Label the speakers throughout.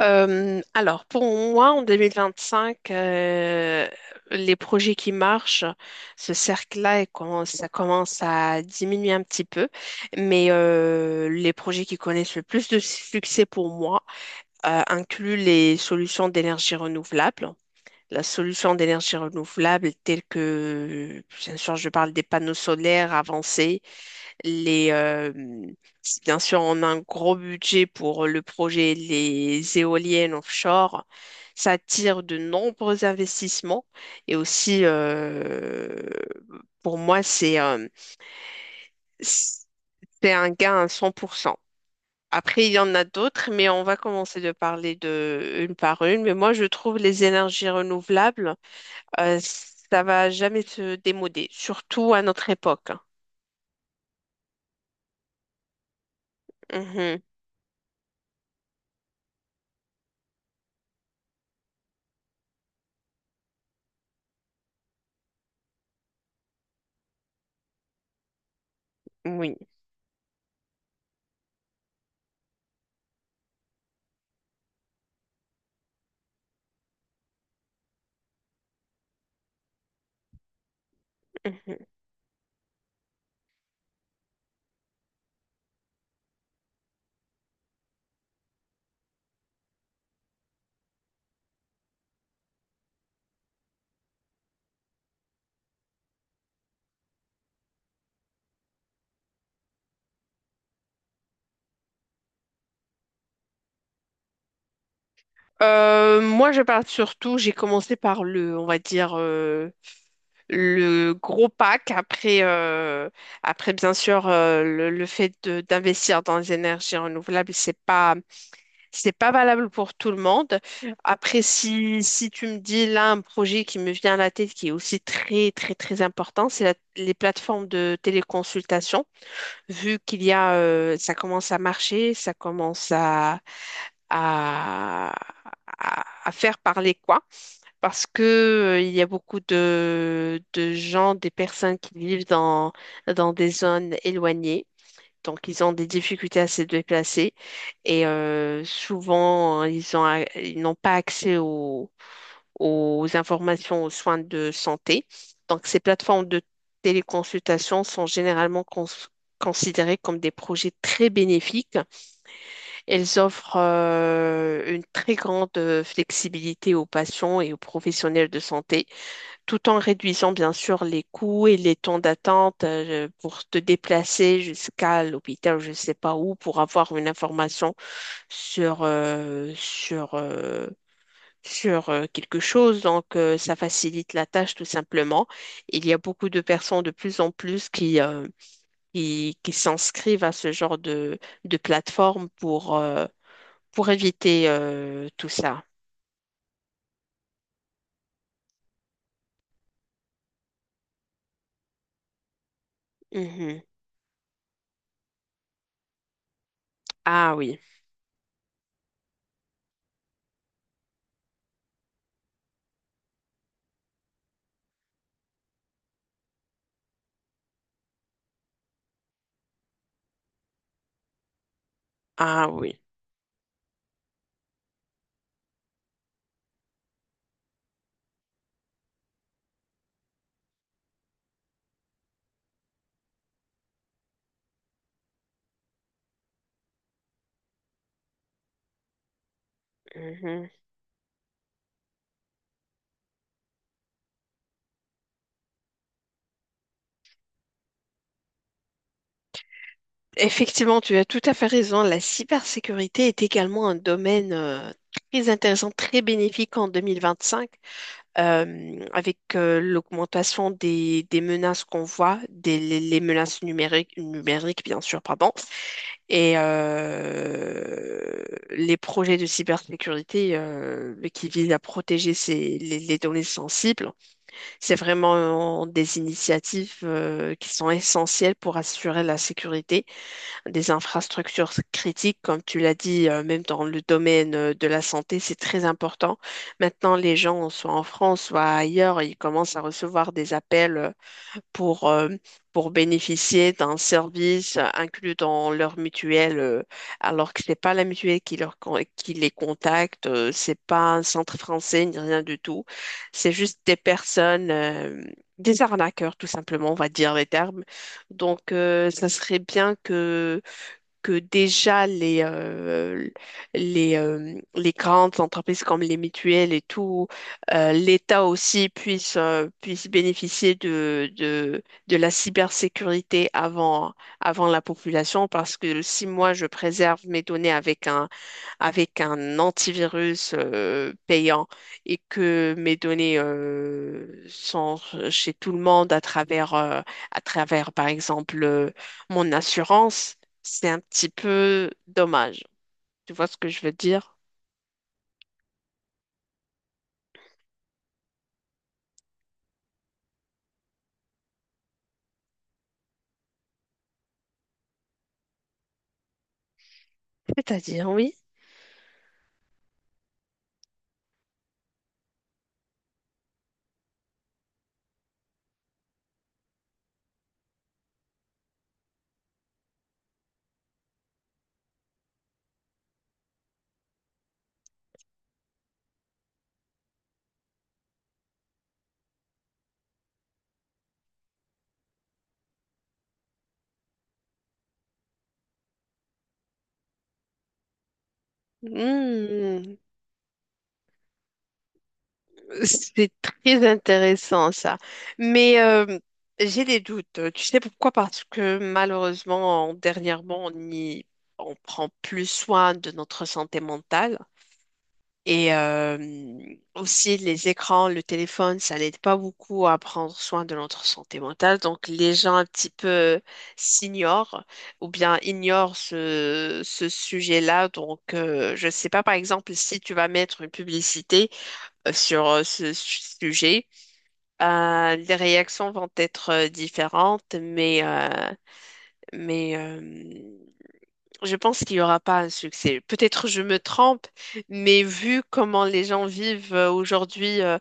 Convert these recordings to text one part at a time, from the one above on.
Speaker 1: Pour moi, en 2025, les projets qui marchent, ce cercle-là, ça commence à diminuer un petit peu. Mais les projets qui connaissent le plus de succès pour moi incluent les solutions d'énergie renouvelable. La solution d'énergie renouvelable telle que, bien sûr, je parle des panneaux solaires avancés, les, euh, si bien sûr, on a un gros budget pour le projet les éoliennes offshore. Ça attire de nombreux investissements et aussi, pour moi, c'est un gain à 100%. Après, il y en a d'autres, mais on va commencer de parler de une par une. Mais moi, je trouve les énergies renouvelables, ça va jamais se démoder, surtout à notre époque. Mhm. Oui. Moi, je parle surtout, j'ai commencé par le, on va dire, le gros pack. Après bien sûr, d'investir dans les énergies renouvelables, c'est pas valable pour tout le monde. Après, si tu me dis là un projet qui me vient à la tête qui est aussi très, très, très important, les plateformes de téléconsultation. Vu qu'il y a, ça commence à marcher, ça commence à, à faire parler quoi, parce que il y a beaucoup de gens, des personnes qui vivent dans des zones éloignées. Donc, ils ont des difficultés à se déplacer et souvent, ils n'ont pas accès aux informations, aux soins de santé. Donc, ces plateformes de téléconsultation considérées comme des projets très bénéfiques. Elles offrent une très grande flexibilité aux patients et aux professionnels de santé, tout en réduisant bien sûr les coûts et les temps d'attente pour te déplacer jusqu'à l'hôpital, je ne sais pas où, pour avoir une information sur, euh, sur, euh, sur quelque chose. Donc, ça facilite la tâche tout simplement. Il y a beaucoup de personnes de plus en plus qui, qui s'inscrivent à ce genre de plateforme pour éviter tout ça. Mhm. Ah oui, ah oui. Mhm. Effectivement, tu as tout à fait raison. La cybersécurité est également un domaine très intéressant, très bénéfique en 2025, avec l'augmentation des menaces qu'on voit, les menaces numériques, bien sûr, pardon, et les projets de cybersécurité qui visent à protéger les données sensibles. C'est vraiment des initiatives qui sont essentielles pour assurer la sécurité des infrastructures critiques, comme tu l'as dit, même dans le domaine de la santé, c'est très important. Maintenant, les gens, soit en France, soit ailleurs, ils commencent à recevoir des appels pour, euh, pour bénéficier d'un service inclus dans leur mutuelle, alors que ce n'est pas la mutuelle qui les contacte, c'est pas un centre français ni rien du tout. C'est juste des personnes, des arnaqueurs, tout simplement, on va dire les termes. Donc, ça serait bien que déjà les grandes entreprises comme les mutuelles et tout, l'État aussi puisse, puisse bénéficier de la cybersécurité avant, avant la population, parce que si moi je préserve mes données avec un antivirus payant et que mes données sont chez tout le monde à travers par exemple mon assurance, c'est un petit peu dommage. Tu vois ce que je veux dire? C'est-à-dire, oui. Hmm, c'est très intéressant ça. Mais j'ai des doutes. Tu sais pourquoi? Parce que malheureusement, dernièrement, on prend plus soin de notre santé mentale. Et aussi, les écrans, le téléphone, ça n'aide pas beaucoup à prendre soin de notre santé mentale. Donc, les gens un petit peu s'ignorent ou bien ignorent ce sujet-là. Donc, je ne sais pas, par exemple, si tu vas mettre une publicité sur sujet, les réactions vont être différentes, mais je pense qu'il n'y aura pas un succès. Peut-être je me trompe, mais vu comment les gens vivent aujourd'hui, euh,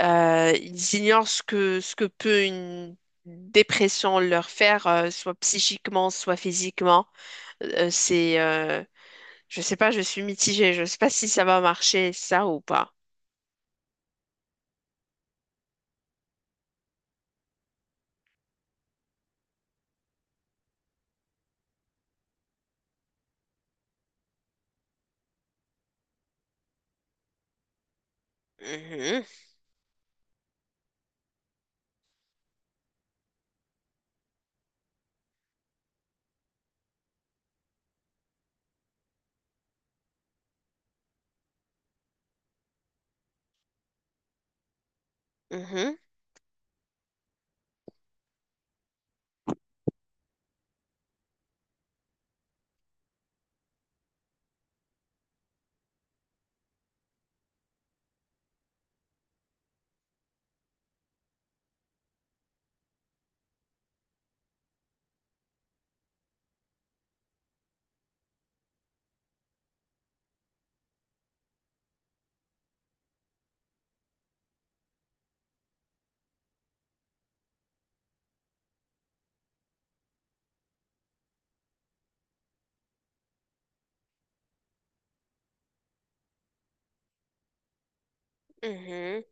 Speaker 1: euh, ils ignorent ce que peut une dépression leur faire, soit psychiquement, soit physiquement. Euh, c'est, euh, je sais pas, je suis mitigée. Je sais pas si ça va marcher, ça ou pas. Mhm, mhm, mhm.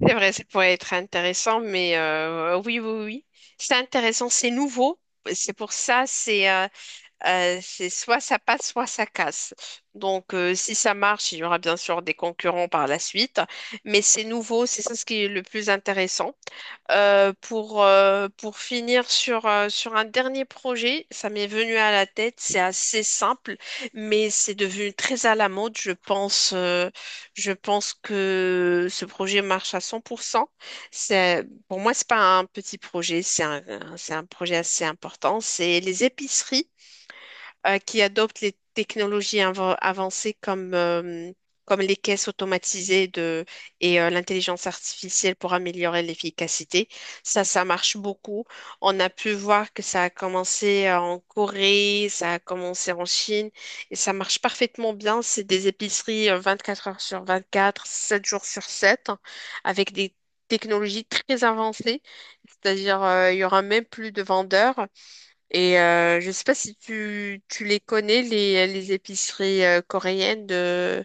Speaker 1: C'est vrai, ça pourrait être intéressant, mais oui, oui, oui. C'est intéressant, c'est nouveau. C'est pour ça, c'est euh, c'est soit ça passe, soit ça casse. Donc, si ça marche, il y aura bien sûr des concurrents par la suite, mais c'est nouveau, c'est ça ce qui est le plus intéressant. Pour finir sur, sur un dernier projet, ça m'est venu à la tête, c'est assez simple, mais c'est devenu très à la mode, je pense. Je pense que ce projet marche à cent pour cent. C'est, pour moi, c'est pas un petit projet, c'est un projet assez important. C'est les épiceries qui adoptent les avancées comme, comme les caisses automatisées et l'intelligence artificielle pour améliorer l'efficacité. Ça marche beaucoup. On a pu voir que ça a commencé en Corée, ça a commencé en Chine et ça marche parfaitement bien. C'est des épiceries 24 heures sur 24, 7 jours sur 7, avec des technologies très avancées, c'est-à-dire il y aura même plus de vendeurs. Et je sais pas si tu les connais, les épiceries coréennes de...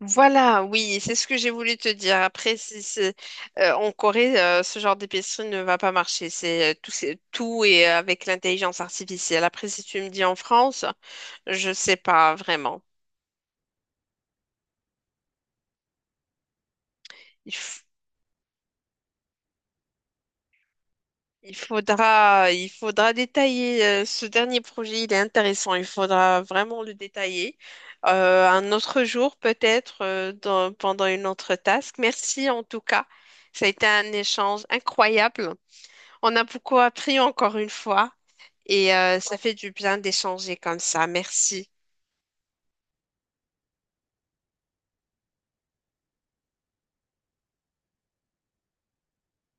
Speaker 1: Voilà, oui, c'est ce que j'ai voulu te dire. Après, si, c'est- en Corée, ce genre d'épicerie ne va pas marcher. C'est tout et avec l'intelligence artificielle. Après, si tu me dis en France, je sais pas vraiment. Il faudra détailler ce dernier projet, il est intéressant, il faudra vraiment le détailler. Un autre jour, peut-être, pendant une autre task. Merci en tout cas. Ça a été un échange incroyable. On a beaucoup appris encore une fois et ça fait du bien d'échanger comme ça. Merci.